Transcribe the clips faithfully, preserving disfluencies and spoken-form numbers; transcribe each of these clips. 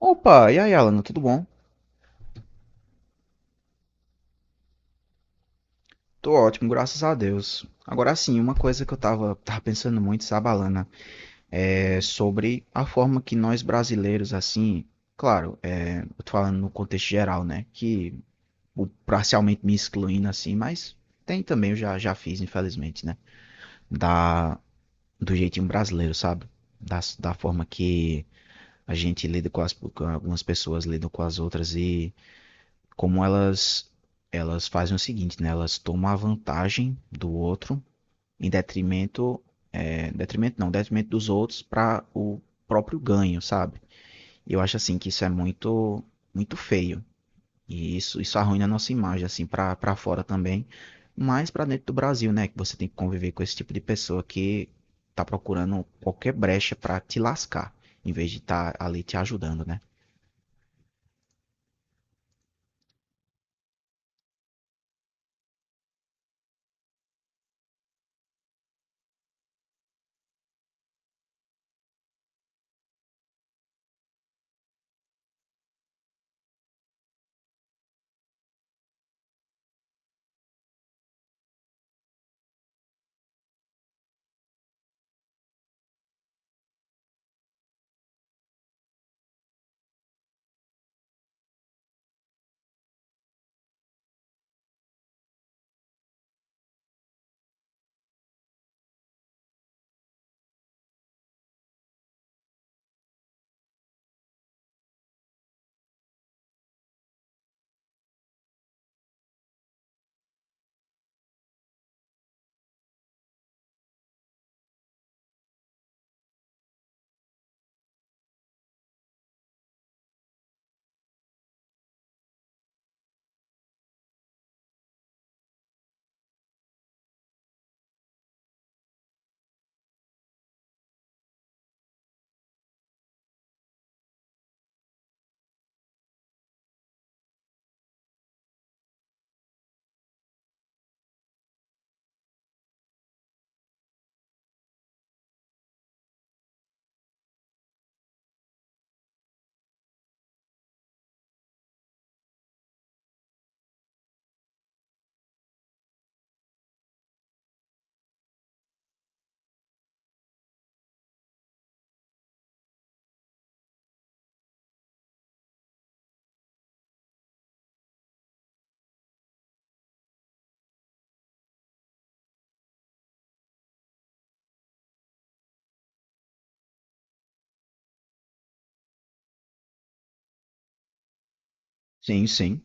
Opa, e aí, Alana, tudo bom? Tô ótimo, graças a Deus. Agora sim, uma coisa que eu tava, tava pensando muito, sabe, Alana, é sobre a forma que nós brasileiros, assim, claro, é, eu tô falando no contexto geral, né, que o- parcialmente me excluindo, assim, mas tem também, eu já, já fiz, infelizmente, né, da, do jeitinho brasileiro, sabe, da, da forma que a gente lida com as, com algumas pessoas lidam com as outras e como elas elas fazem o seguinte, né? Elas tomam a vantagem do outro em detrimento, é, detrimento não, detrimento dos outros para o próprio ganho, sabe? Eu acho assim que isso é muito muito feio e isso isso arruina a nossa imagem assim para para fora também, mas para dentro do Brasil, né? Que você tem que conviver com esse tipo de pessoa que tá procurando qualquer brecha para te lascar, em vez de estar tá ali te ajudando, né? Sim, sim.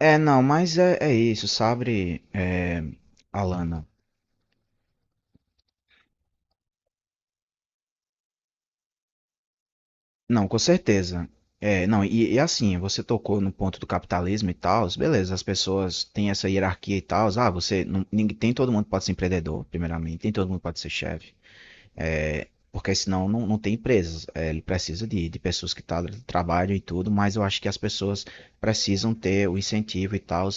É, não, mas é, é isso, sabe, é, Alana? Não, com certeza. É, não, e, e assim, você tocou no ponto do capitalismo e tal, beleza, as pessoas têm essa hierarquia e tal, ah, você, não, ninguém, tem todo mundo pode ser empreendedor, primeiramente, tem todo mundo pode ser chefe. É, porque senão não, não tem empresas. É, ele precisa de, de pessoas que tá, trabalham e tudo, mas eu acho que as pessoas precisam ter o incentivo e tal.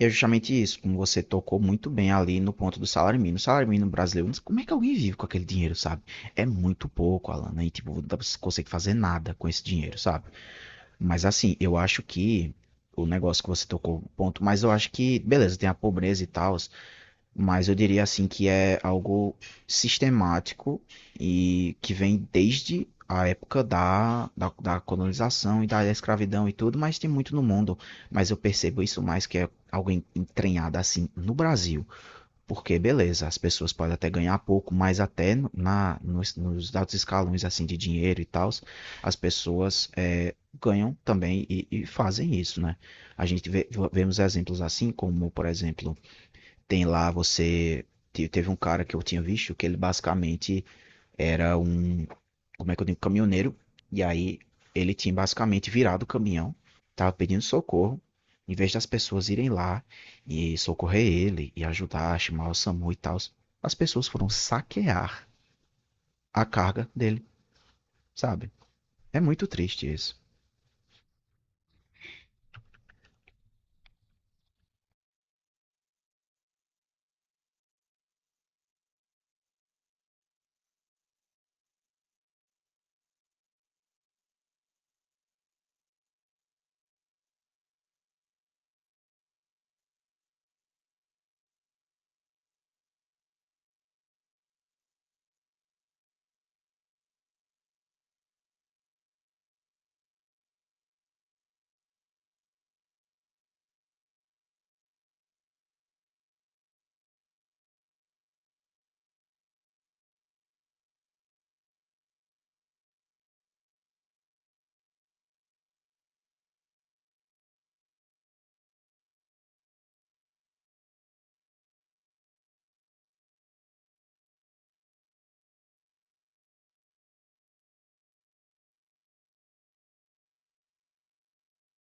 E é justamente isso, como você tocou muito bem ali no ponto do salário mínimo. O salário mínimo brasileiro, como é que alguém vive com aquele dinheiro, sabe? É muito pouco, Alan, né? E tipo, não consegue fazer nada com esse dinheiro, sabe? Mas assim, eu acho que o negócio que você tocou, ponto, mas eu acho que, beleza, tem a pobreza e tal, mas eu diria assim que é algo sistemático e que vem desde a época da, da, da colonização e da escravidão e tudo, mas tem muito no mundo. Mas eu percebo isso mais que é algo en- entranhado assim no Brasil. Porque, beleza, as pessoas podem até ganhar pouco, mas até no- na, nos, nos altos escalões assim de dinheiro e tal, as pessoas eh, ganham também e, e fazem isso, né? A gente vê, vemos exemplos assim, como, por exemplo, tem lá você. te- Teve um cara que eu tinha visto que ele basicamente era um. Como é que eu digo? Caminhoneiro. E aí ele tinha basicamente virado o caminhão, tava pedindo socorro. Em vez das pessoas irem lá e socorrer ele e ajudar, chamar o SAMU e tal, as pessoas foram saquear a carga dele, sabe? É muito triste isso.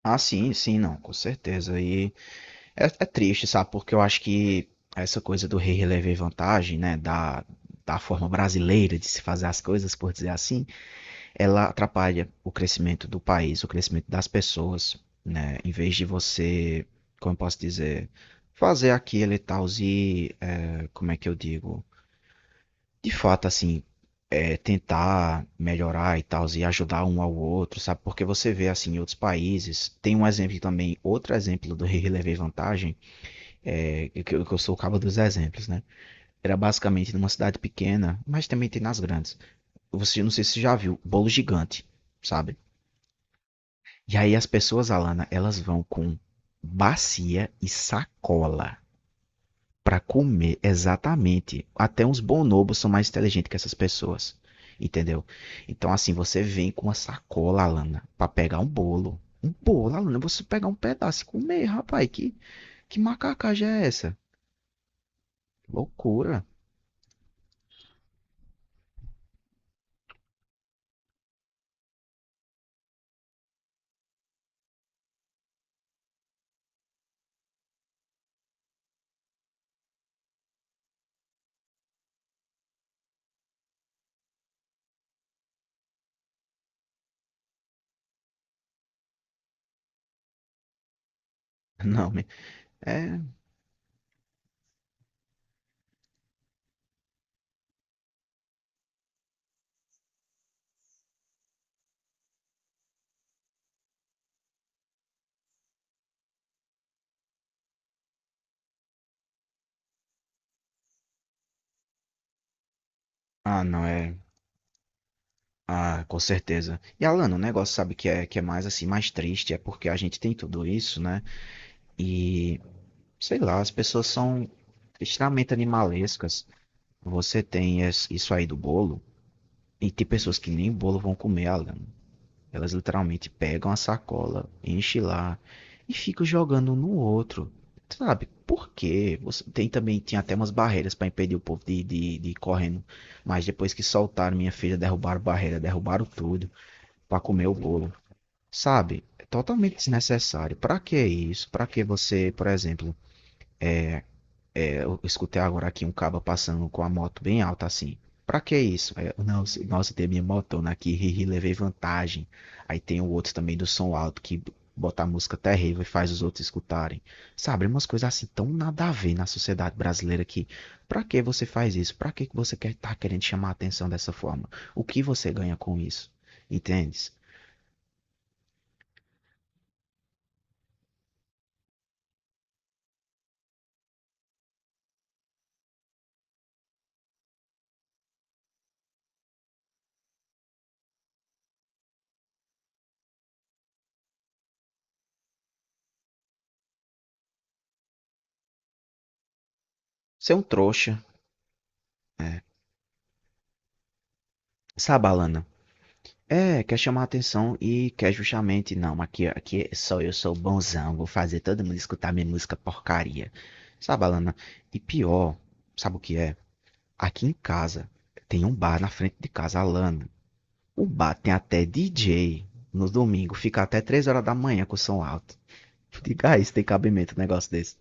Ah, sim, sim, não, com certeza. E É, é triste, sabe? Porque eu acho que essa coisa do rei relever vantagem, né? Da, da forma brasileira de se fazer as coisas, por dizer assim, ela atrapalha o crescimento do país, o crescimento das pessoas, né? Em vez de você, como eu posso dizer, fazer aquilo e tal, e, é, como é que eu digo? De fato, assim, é, tentar melhorar e tal, e ajudar um ao outro, sabe? Porque você vê, assim, em outros países, tem um exemplo também, outro exemplo do rei relever vantagem, é, que, eu, que eu sou o cabo dos exemplos, né? Era basicamente numa cidade pequena, mas também tem nas grandes. Você Não sei se você já viu, bolo gigante, sabe? E aí as pessoas, Alana, elas vão com bacia e sacola para comer exatamente. Até uns bonobos são mais inteligentes que essas pessoas, entendeu? Então assim, você vem com uma sacola, Alana, para pegar um bolo. Um bolo, Alana, você pegar um pedaço e comer, rapaz, que, que macacagem é essa? Loucura. Não, minha, é. Ah, não, é. Ah, com certeza. E Alan, o negócio sabe que é que é mais assim, mais triste, é porque a gente tem tudo isso, né? E sei lá, as pessoas são extremamente animalescas. Você tem es- isso aí do bolo, e tem pessoas que nem bolo vão comer, Alan. Elas literalmente pegam a sacola, enchem lá e ficam jogando um no outro. Sabe? Por quê? Você, tem também, tinha até umas barreiras para impedir o povo de, de, de ir correndo. Mas depois que soltaram minha filha, derrubaram barreira, derrubaram tudo para comer o bolo. Sabe? É totalmente desnecessário. Para que isso? Para que você, por exemplo, eu escutei agora aqui um caba passando com a moto bem alta assim. Pra que isso? Aí eu, não, se- nossa, tem a minha motona aqui, ri, levei vantagem. Aí tem o outro também do som alto que bota a música terrível e faz os outros escutarem. Sabe, umas coisas assim tão nada a ver na sociedade brasileira que pra que você faz isso? Pra que que você quer tá querendo chamar a atenção dessa forma? O que você ganha com isso? Entendes? Você é um trouxa, é. Sabe, Alana? É, quer chamar atenção e quer justamente, não, aqui, aqui só eu sou bonzão, vou fazer todo mundo escutar minha música porcaria. Sabe, Alana? E pior, sabe o que é? Aqui em casa tem um bar na frente de casa, Alana. O bar tem até D J no domingo, fica até três horas da manhã com o som alto. Diga aí se tem cabimento um negócio desse.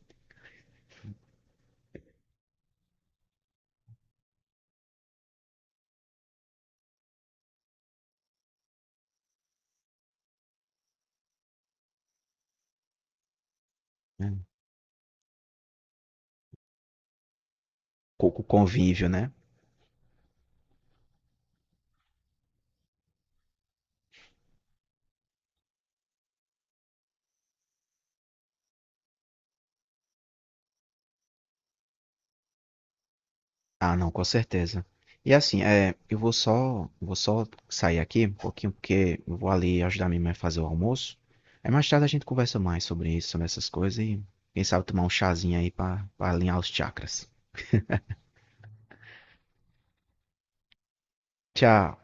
É. Com com convívio, né? Ah, não, com certeza. E assim, é, eu vou só, vou só sair aqui um pouquinho, porque eu vou ali ajudar minha mãe a fazer o almoço. Aí mais tarde a gente conversa mais sobre isso, sobre essas coisas e quem sabe tomar um chazinho aí pra, pra alinhar os chakras. Tchau.